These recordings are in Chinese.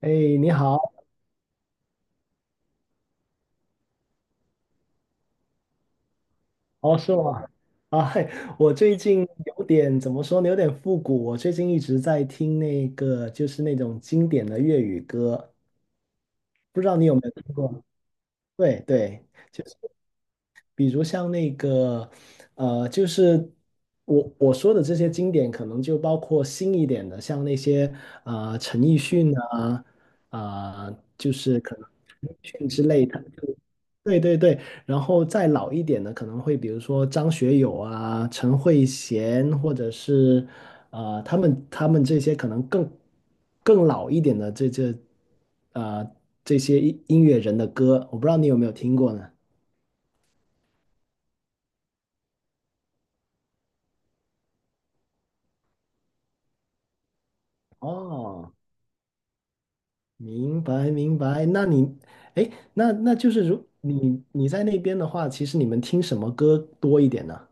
哎，你好。哦，是我啊，嘿，我最近有点怎么说呢，有点复古。我最近一直在听那个，就是那种经典的粤语歌，不知道你有没有听过？对对，就是。比如像那个，就是我说的这些经典，可能就包括新一点的，像那些陈奕迅啊，就是可能陈奕迅之类的，就对对对。然后再老一点的，可能会比如说张学友啊、陈慧娴，或者是他们这些可能更老一点的这呃这些音乐人的歌，我不知道你有没有听过呢？哦，明白明白。哎，那就是如你在那边的话，其实你们听什么歌多一点呢？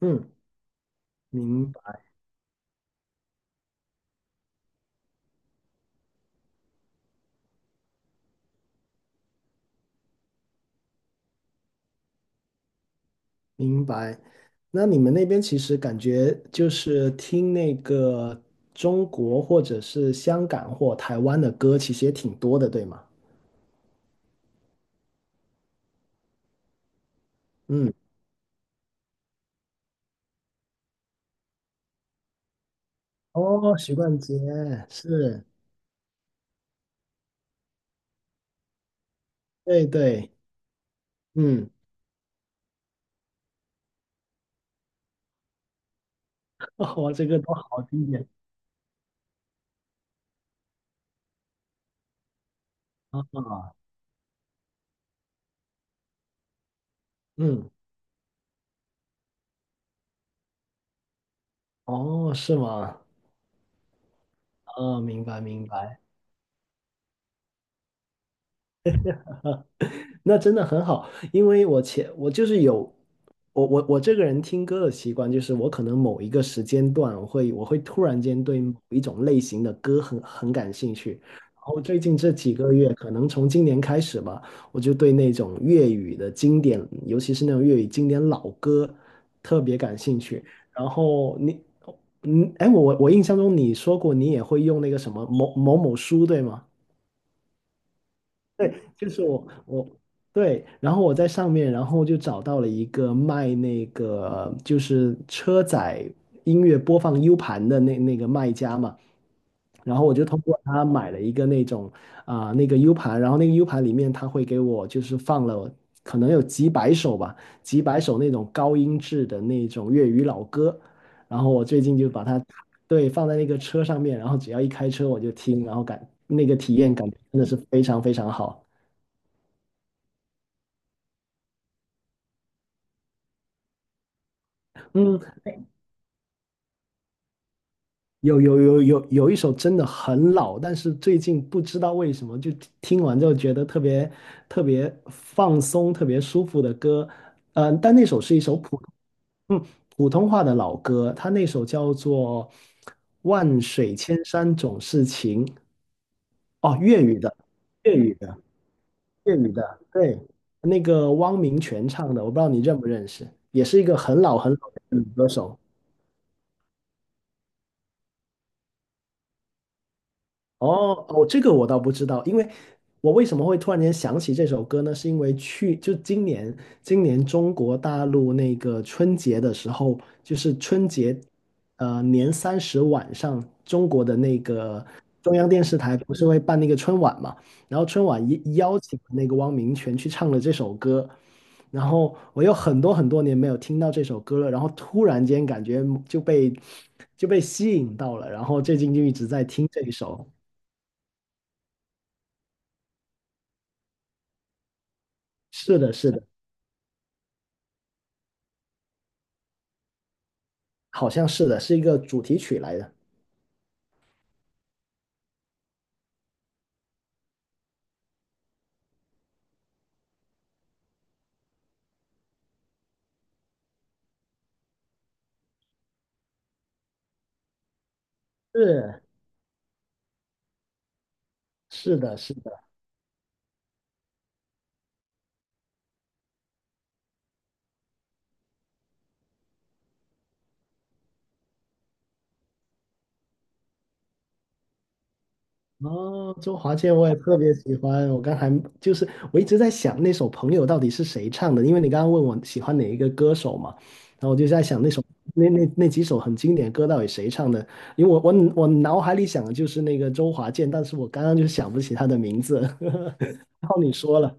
嗯，明白明白。那你们那边其实感觉就是听那个中国或者是香港或台湾的歌，其实也挺多的，对吗？嗯，哦，许冠杰是，对对，嗯，哇，这个都好经典啊。嗯，哦，是吗？啊，明白明白。那真的很好，因为我前我就是有我我我这个人听歌的习惯，就是我可能某一个时间段我会突然间对某一种类型的歌很感兴趣，然后最近这几个月，可能从今年开始吧，我就对那种粤语的经典，尤其是那种粤语经典老歌特别感兴趣。然后你嗯，哎，我印象中你说过你也会用那个什么某某某书，对吗？对，就是我对，然后我在上面，然后就找到了一个卖那个就是车载音乐播放 U 盘的那个卖家嘛。然后我就通过他买了一个那种啊、那个 U 盘，然后那个 U 盘里面他会给我就是放了可能有几百首吧，几百首那种高音质的那种粤语老歌，然后我最近就把它对，放在那个车上面，然后只要一开车我就听，然后那个体验感真的是非常非常好。嗯，有有有有有一首真的很老，但是最近不知道为什么就听完之后觉得特别特别放松、特别舒服的歌。但那首是一首嗯普通话的老歌，它那首叫做《万水千山总是情》。哦，粤语的，粤语的。粤语的，对，那个汪明荃唱的，我不知道你认不认识，也是一个很老很老的女歌手。哦哦，这个我倒不知道。因为我为什么会突然间想起这首歌呢？是因为就今年中国大陆那个春节的时候，就是春节年三十晚上，中国的那个中央电视台不是会办那个春晚嘛？然后春晚邀请那个汪明荃去唱了这首歌，然后我有很多很多年没有听到这首歌了，然后突然间感觉就被吸引到了，然后最近就一直在听这一首。是的，是的，好像是的，是一个主题曲来的。是，是的，是的。哦，周华健我也特别喜欢。我刚才就是我一直在想那首《朋友》到底是谁唱的，因为你刚刚问我喜欢哪一个歌手嘛，然后我就在想那首那几首很经典的歌到底谁唱的？因为我脑海里想的就是那个周华健，但是我刚刚就想不起他的名字。然后你说了，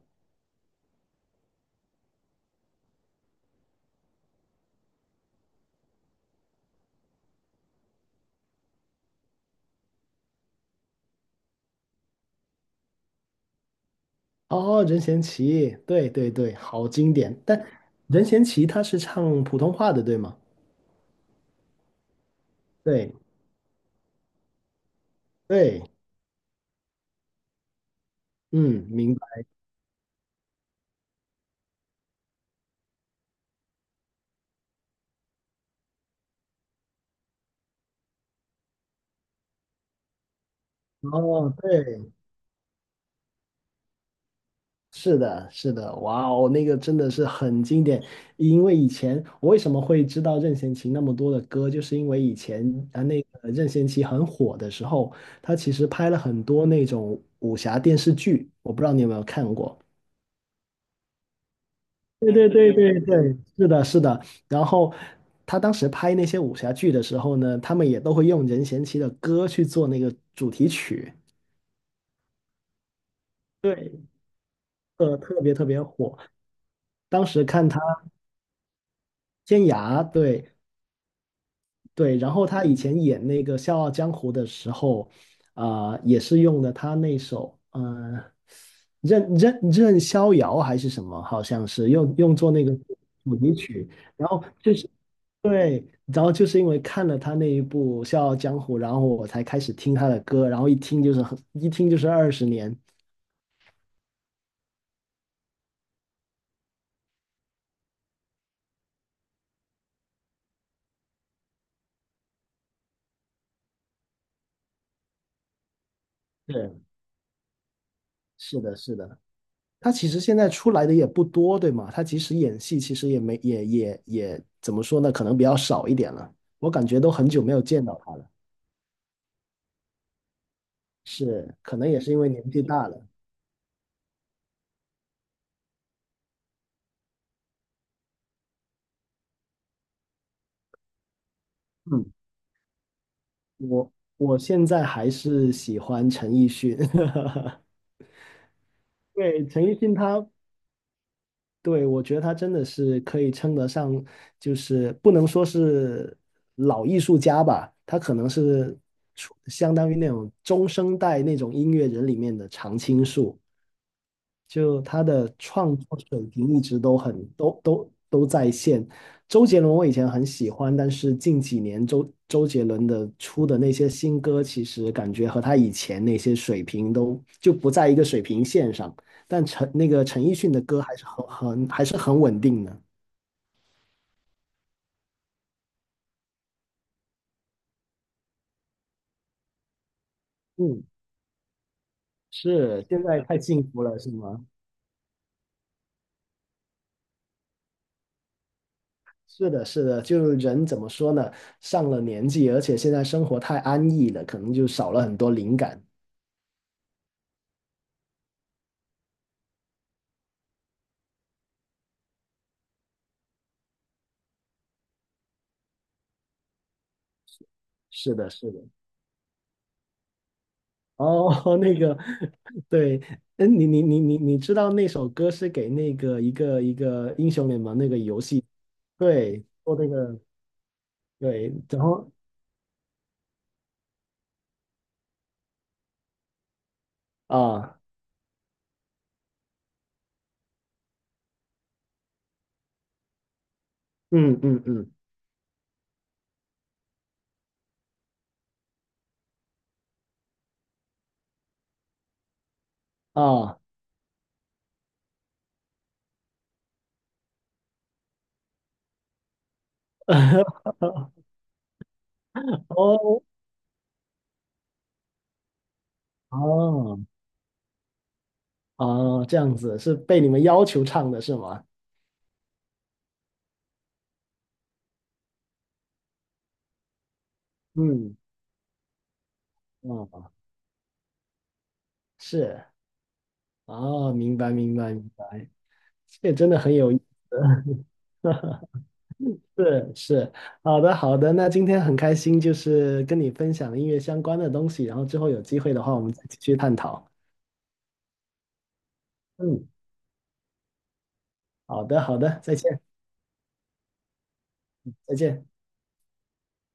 哦，任贤齐，对对对，好经典。但任贤齐他是唱普通话的，对吗？对对，嗯，明白。哦，对，是的，是的，哇哦，那个真的是很经典。因为以前我为什么会知道任贤齐那么多的歌，就是因为以前啊，那个任贤齐很火的时候，他其实拍了很多那种武侠电视剧，我不知道你有没有看过。对对对对对，是的，是的。然后他当时拍那些武侠剧的时候呢，他们也都会用任贤齐的歌去做那个主题曲。对，特别特别火。当时看他天涯，对对，然后他以前演那个《笑傲江湖》的时候，啊、也是用的他那首，任逍遥还是什么，好像是用作那个主题曲，然后就是对，然后就是因为看了他那一部《笑傲江湖》，然后我才开始听他的歌，然后一听就是20年，对，是的，是的。他其实现在出来的也不多，对吗？他即使演戏，其实也没也也也怎么说呢？可能比较少一点了。我感觉都很久没有见到他了，是，可能也是因为年纪大了。嗯，我我现在还是喜欢陈奕迅。对，陈奕迅他，对，我觉得他真的是可以称得上，就是不能说是老艺术家吧，他可能是出相当于那种中生代那种音乐人里面的常青树。就他的创作水平一直都很都都都在线。周杰伦我以前很喜欢，但是近几年周杰伦的出的那些新歌，其实感觉和他以前那些水平都就不在一个水平线上。但那个陈奕迅的歌还是很稳定的。嗯，是，现在太幸福了，是吗？是的，是的，就是人怎么说呢？上了年纪，而且现在生活太安逸了，可能就少了很多灵感。是的，是的。哦，那个，对，嗯，你知道那首歌是给那个一个英雄联盟那个游戏，对，做那个对，然后啊，嗯嗯嗯啊，哦哦哦，这样子是被你们要求唱的是吗？嗯，哦，是，哦，明白明白明白，这个真的很有意思。是是，好的好的，那今天很开心，就是跟你分享音乐相关的东西，然后之后有机会的话，我们再继续探讨。嗯，好的好的，再见再见。